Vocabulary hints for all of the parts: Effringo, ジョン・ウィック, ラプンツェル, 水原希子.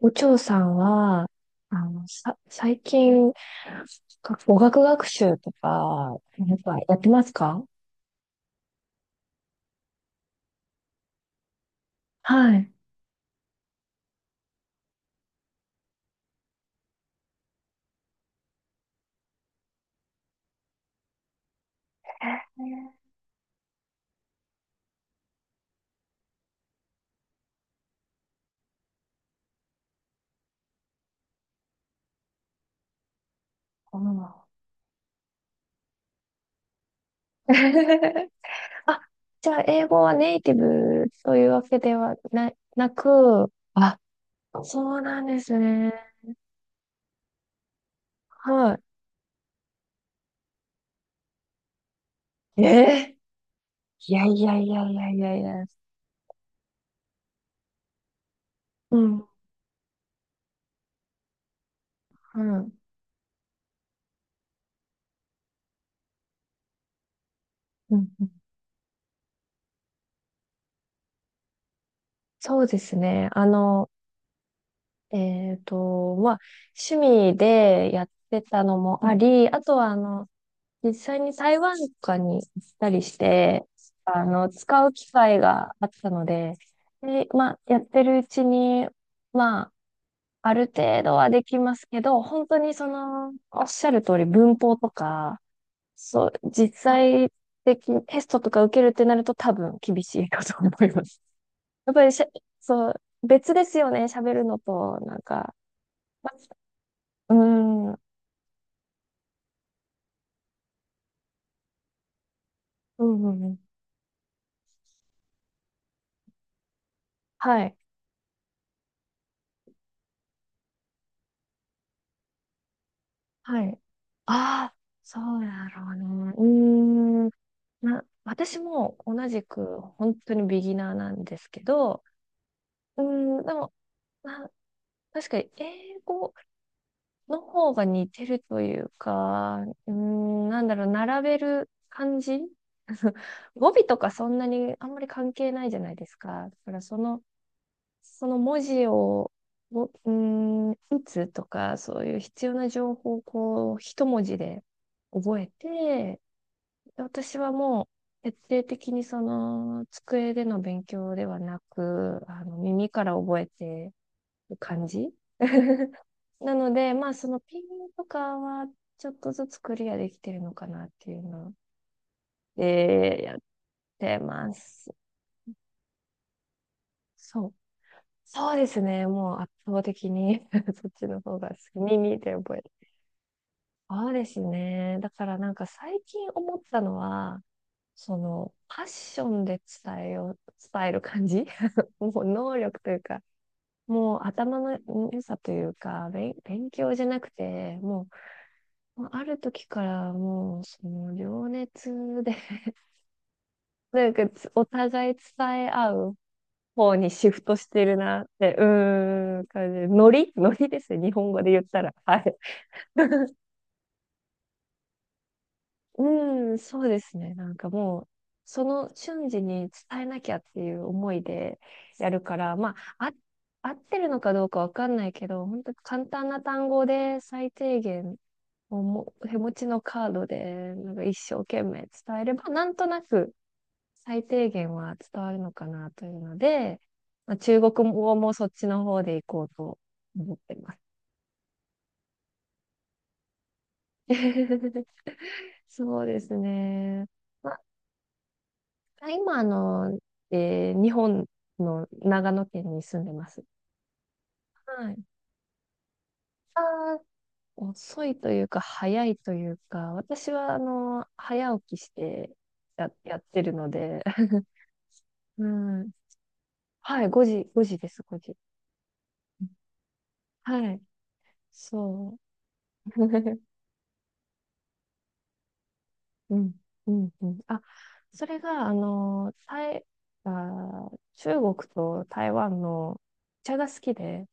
お嬢さんは、最近、語学学習とか、なんかやってますか？はい。あー あ、じゃあ、英語はネイティブというわけではな、なく、あ、そうなんですね。はい。いやいやいやいやいやいや。うん、うん、うんうん。そうですね。まあ、趣味でやってたのもあり、あとは、実際に台湾とかに行ったりして、使う機会があったので、で、まあ、やってるうちに、まあ、ある程度はできますけど、本当におっしゃる通り文法とか、そう、実際的にテストとか受けるってなると多分厳しいかと思います。やっぱりそう、別ですよね、喋るのと、なんか、まあうーん、うん、うんうん、はい。はい。ああ、そうだろうね。うーん。私も同じく本当にビギナーなんですけど、うーん、でも、な、確かに英語の方が似てるというか、うーん、なんだろう、並べる感じ 語尾とかそんなにあんまり関係ないじゃないですか。だからその文字を、打つとか、そういう必要な情報をこう、一文字で覚えて、私はもう、徹底的に机での勉強ではなく、耳から覚えてる感じ なので、まあ、そのピンとかは、ちょっとずつクリアできてるのかなっていうので、やってます。そう。そうですね。もう圧倒的に そっちの方が好き。耳で覚えそうですね。だからなんか最近思ったのは、パッションで伝えよう、伝える感じ もう能力というか、もう頭の良さというか、勉強じゃなくて、もうある時からもう、情熱で なんかお互い伝え合う方にシフトしてるなって、感じ。ノリノリですね。日本語で言ったら。はい。うん、そうですね。なんかもう、その瞬時に伝えなきゃっていう思いでやるから、まあ、あ、合ってるのかどうかわかんないけど、本当簡単な単語で最低限をも、手持ちのカードで、なんか一生懸命伝えれば、なんとなく最低限は伝わるのかなというので、まあ、中国語もそっちの方で行こうと思ってます。そうですね。あ今、日本の長野県に住んでます。はい。あー遅いというか、早いというか、私は、早起きしてやってるので、うん。はい、5時、5時です、5時。はい、そう。うん、うん、うん。あ、それが、中国と台湾のお茶が好きで、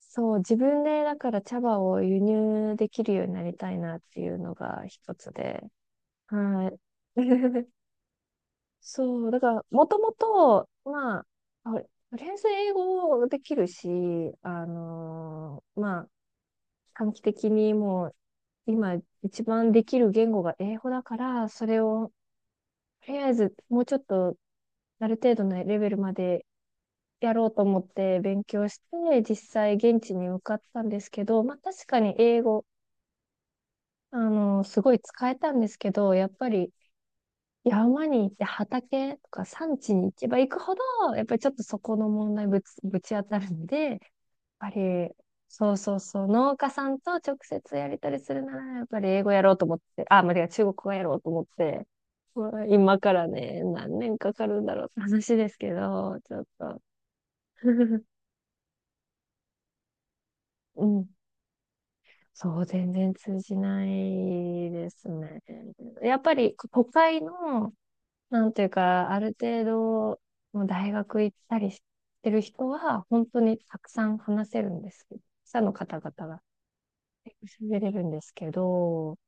そう、自分でだから茶葉を輸入できるようになりたいなっていうのが一つで。はい。そう、だから、もともと、まあ、あとりあえず英語できるし、まあ、短期的にもう、今一番できる言語が英語だから、それを、とりあえずもうちょっと、ある程度のレベルまでやろうと思って勉強して、実際現地に向かったんですけど、まあ確かに英語、すごい使えたんですけど、やっぱり山に行って畑とか山地に行けば行くほど、やっぱりちょっとそこの問題ぶち当たるんで、やっぱり、そうそうそう、農家さんと直接やりたりするなら、やっぱり英語やろうと思って、あ、間違え、中国語やろうと思って、うわ今からね、何年かかるんだろうって話ですけど、ちょっと。うん。そう、全然通じないですね。やっぱり都会のなんていうか、ある程度、もう大学行ったりしてる人は、本当にたくさん話せるんですけど、記者の方々が喋れるんですけど、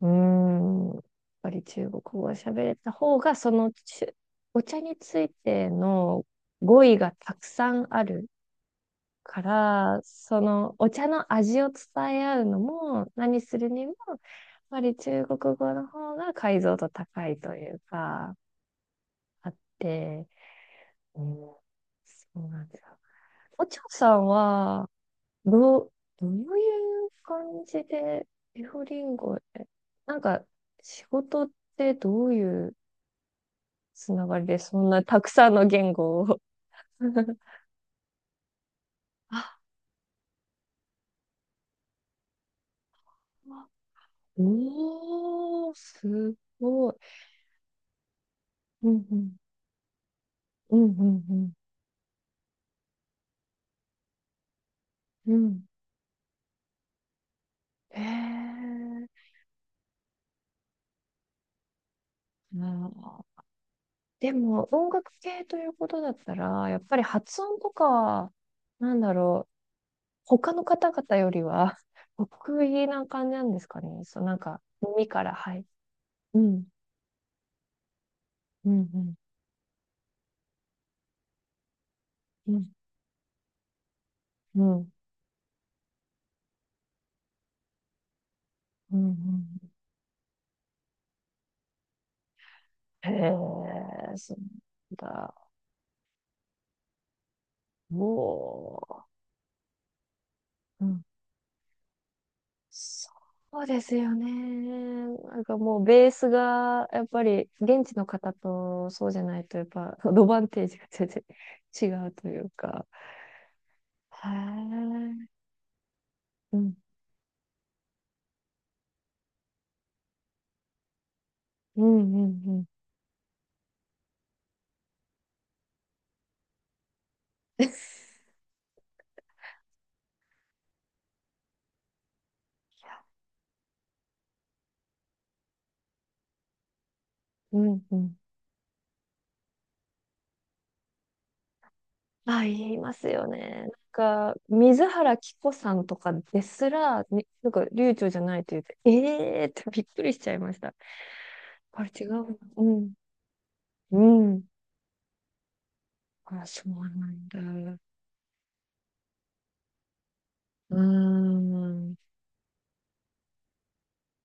うーん、やっぱり中国語を喋れた方が、その中お茶についての語彙がたくさんあるから、そのお茶の味を伝え合うのも、何するにも、やっぱり中国語の方が解像度高いというか、あって、おーそうなんだ。おちょさんは、どう、どういう感じで、エフリンゴへ、なんか、仕事ってどういうつながりで、そんなたくさんの言語を あ、おー、すごい。うんうん、うんうんうん、うん。へえ。あーでも、音楽系ということだったら、やっぱり発音とか、なんだろう、他の方々よりは得意 な感じなんですかね。そう、なんか、耳から入るうん、うん、うん、うん、うん、うん。うんへえ、そうだ。もう、うん、そうですよね。なんかもうベースが、やっぱり現地の方とそうじゃないと、やっぱアドバンテージが全然違うというか。へえ、うん、うん、うん、うん。うん、うん。まあ、言いますよね。なんか、水原希子さんとかですら、になんか、流暢じゃないって言って、ええーってびっくりしちゃいました。これ違うのうん。うん。あ、そうなんだ。うーん。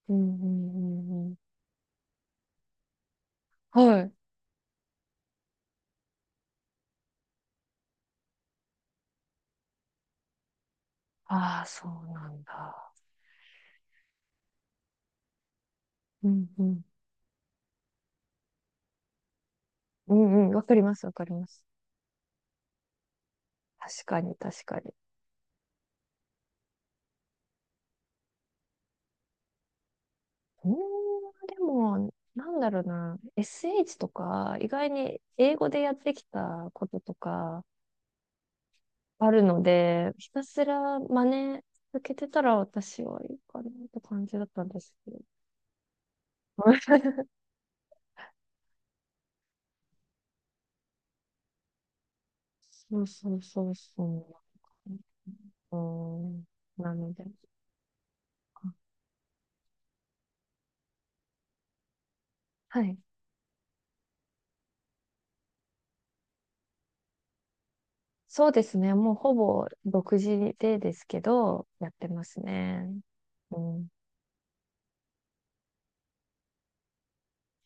うん、うん、うん。うんはい。ああ、そうなんだ。うん、うん。うん、うん。わかります、わかります。確かに、確かに。うーん、でも、なんだろうな。SH とか、意外に英語でやってきたこととか、あるので、ひたすら真似続けてたら私はいいかなって感じだったんですけど。そうそうそうそう。うん、なので。はい。そうですね。もうほぼ独自でですけど、やってますね。うん。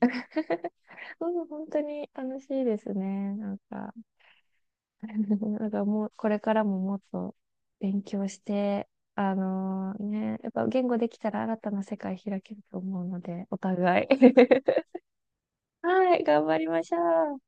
うん本当に楽しいですね。なんか。だからもう、これからももっと勉強して、やっぱ言語できたら新たな世界開けると思うので、お互い。はい、頑張りましょう。